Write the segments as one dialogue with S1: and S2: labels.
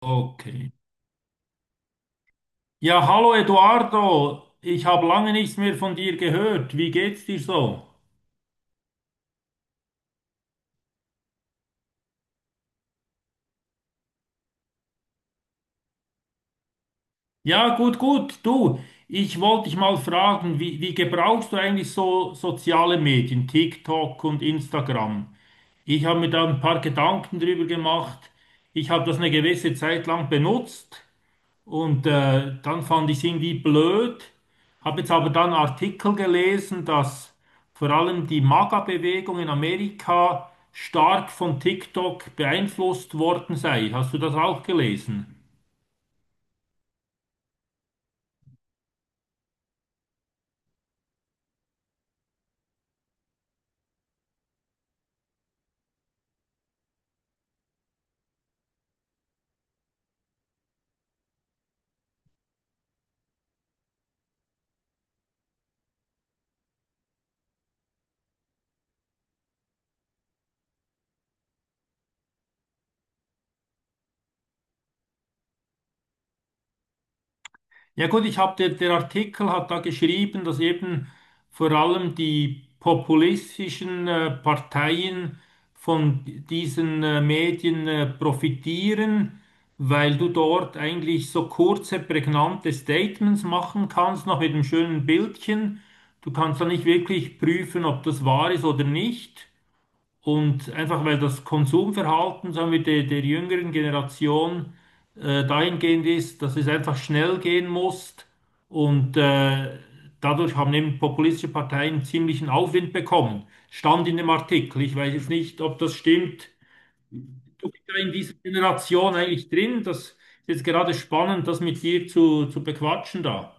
S1: Okay. Ja, hallo Eduardo, ich habe lange nichts mehr von dir gehört. Wie geht's dir so? Ja, gut, gut. Du, ich wollte dich mal fragen, wie gebrauchst du eigentlich so soziale Medien, TikTok und Instagram? Ich habe mir da ein paar Gedanken drüber gemacht. Ich habe das eine gewisse Zeit lang benutzt. Und dann fand ich es irgendwie blöd, habe jetzt aber dann Artikel gelesen, dass vor allem die MAGA-Bewegung in Amerika stark von TikTok beeinflusst worden sei. Hast du das auch gelesen? Ja gut, ich habe der Artikel hat da geschrieben, dass eben vor allem die populistischen Parteien von diesen Medien profitieren, weil du dort eigentlich so kurze, prägnante Statements machen kannst, noch mit einem schönen Bildchen. Du kannst da nicht wirklich prüfen, ob das wahr ist oder nicht. Und einfach weil das Konsumverhalten, sagen wir, der jüngeren Generation dahingehend ist, dass es einfach schnell gehen muss. Und dadurch haben eben populistische Parteien ziemlichen Aufwind bekommen. Stand in dem Artikel. Ich weiß jetzt nicht, ob das stimmt. Du bist ja in dieser Generation eigentlich drin. Das ist jetzt gerade spannend, das mit dir zu bequatschen da.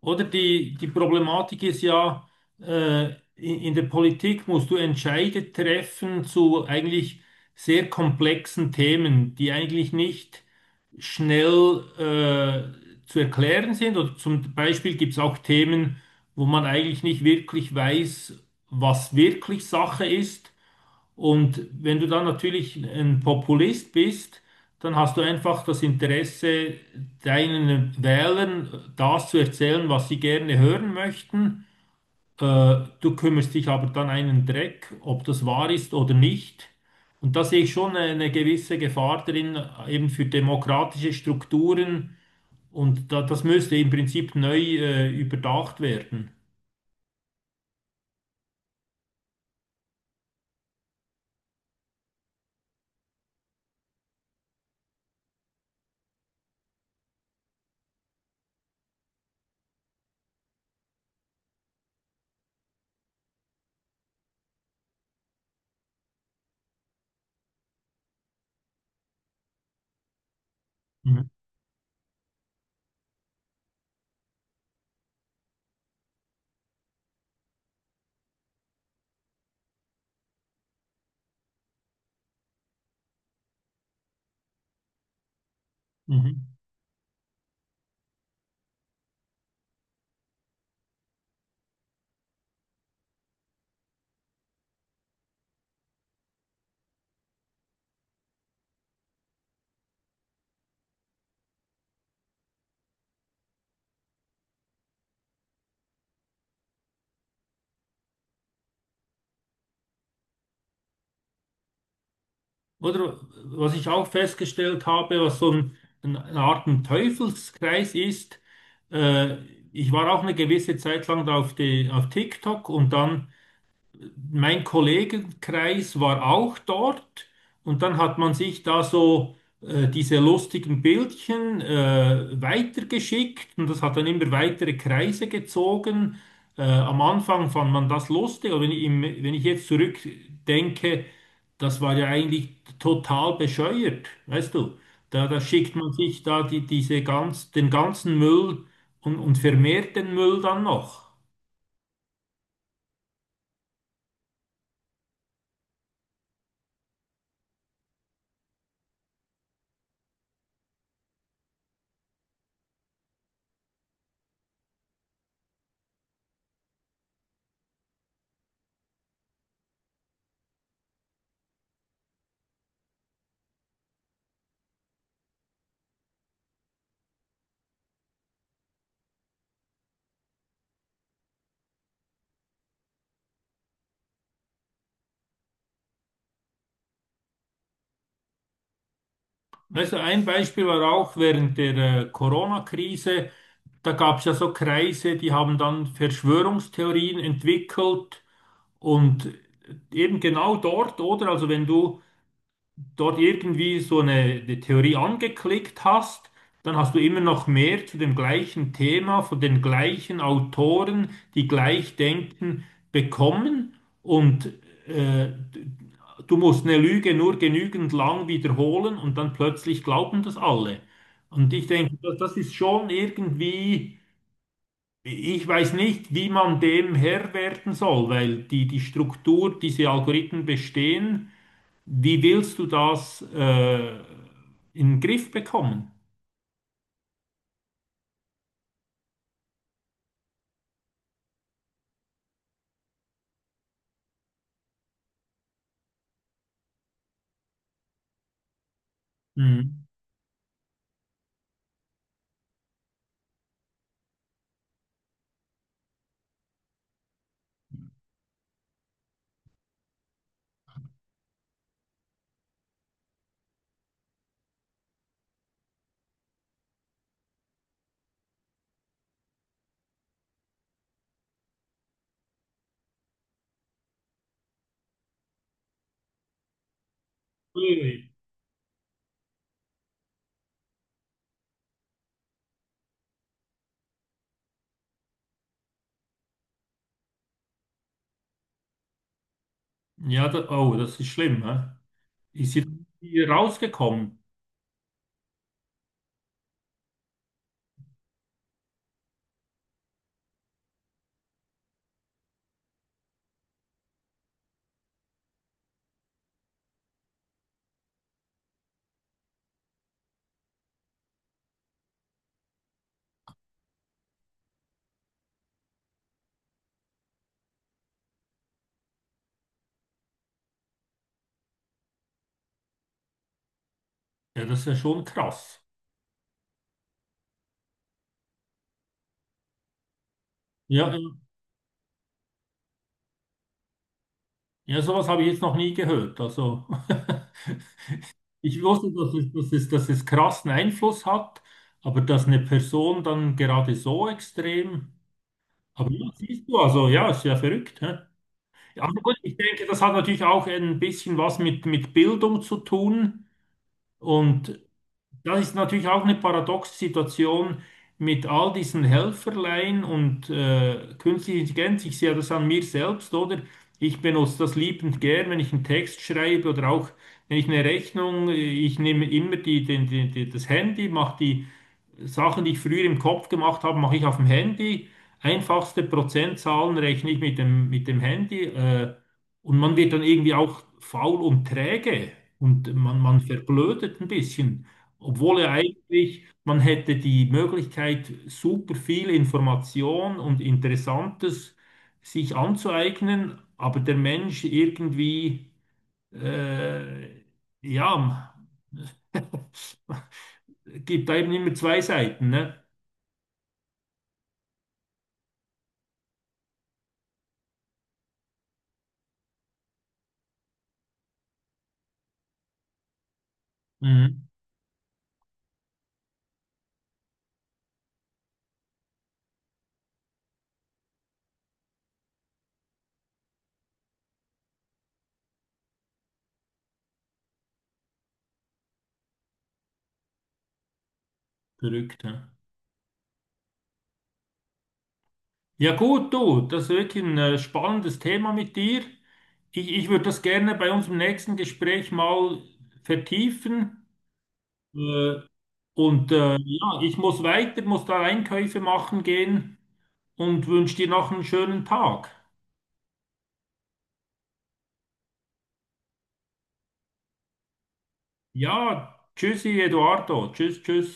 S1: Oder die Problematik ist ja, äh, in der Politik musst du Entscheide treffen zu eigentlich sehr komplexen Themen, die eigentlich nicht schnell zu erklären sind. Oder zum Beispiel gibt es auch Themen, wo man eigentlich nicht wirklich weiß, was wirklich Sache ist. Und wenn du dann natürlich ein Populist bist, dann hast du einfach das Interesse, deinen Wählern das zu erzählen, was sie gerne hören möchten. Du kümmerst dich aber dann einen Dreck, ob das wahr ist oder nicht. Und da sehe ich schon eine gewisse Gefahr drin, eben für demokratische Strukturen. Und da, das müsste im Prinzip neu überdacht werden. Mhm. Mhm. Oder was ich auch festgestellt habe, was so eine Art ein Teufelskreis ist, äh, ich war auch eine gewisse Zeit lang da auf TikTok und dann mein Kollegenkreis war auch dort und dann hat man sich da so diese lustigen Bildchen weitergeschickt und das hat dann immer weitere Kreise gezogen. Am Anfang fand man das lustig, aber wenn ich jetzt zurückdenke, das war ja eigentlich total bescheuert, weißt du? Da schickt man sich da diese den ganzen Müll und vermehrt den Müll dann noch. Also ein Beispiel war auch während der Corona-Krise, da gab es ja so Kreise, die haben dann Verschwörungstheorien entwickelt und eben genau dort, oder? Also wenn du dort irgendwie eine Theorie angeklickt hast, dann hast du immer noch mehr zu dem gleichen Thema von den gleichen Autoren, die gleich denken, bekommen. Und äh, du musst eine Lüge nur genügend lang wiederholen und dann plötzlich glauben das alle. Und ich denke, das ist schon irgendwie, ich weiß nicht, wie man dem Herr werden soll, weil die Struktur, diese Algorithmen bestehen. Wie willst du das in den Griff bekommen? Mhm. Ui. Ja, da, oh, das ist schlimm. Hä? Ist sie hier rausgekommen? Ja, das ist ja schon krass. Ja, äh, ja, sowas habe ich jetzt noch nie gehört. Also, ich wusste, dass es krassen Einfluss hat, aber dass eine Person dann gerade so extrem. Aber ja, siehst du, also ja, ist ja verrückt. Hä? Ja, aber gut, ich denke, das hat natürlich auch ein bisschen was mit Bildung zu tun. Und das ist natürlich auch eine paradoxe Situation mit all diesen Helferlein und künstlicher Intelligenz. Ich sehe das an mir selbst, oder? Ich benutze das liebend gern, wenn ich einen Text schreibe oder auch wenn ich eine Rechnung, ich nehme immer die, den- den- den- das Handy, mache die Sachen, die ich früher im Kopf gemacht habe, mache ich auf dem Handy. Einfachste Prozentzahlen rechne ich mit dem Handy. Und man wird dann irgendwie auch faul und träge und man verblödet ein bisschen. Obwohl ja eigentlich, man hätte die Möglichkeit, super viel Information und Interessantes sich anzueignen, aber der Mensch irgendwie. Äh, ja, gibt da eben immer zwei Seiten, ne? Mhm. Verrückt, ja. Ja gut, du, das ist wirklich ein spannendes Thema mit dir. Ich würde das gerne bei unserem nächsten Gespräch mal vertiefen. Äh, und ja, ich muss weiter, muss da Einkäufe machen gehen und wünsche dir noch einen schönen Tag. Ja, tschüssi, Eduardo. Tschüss, tschüss.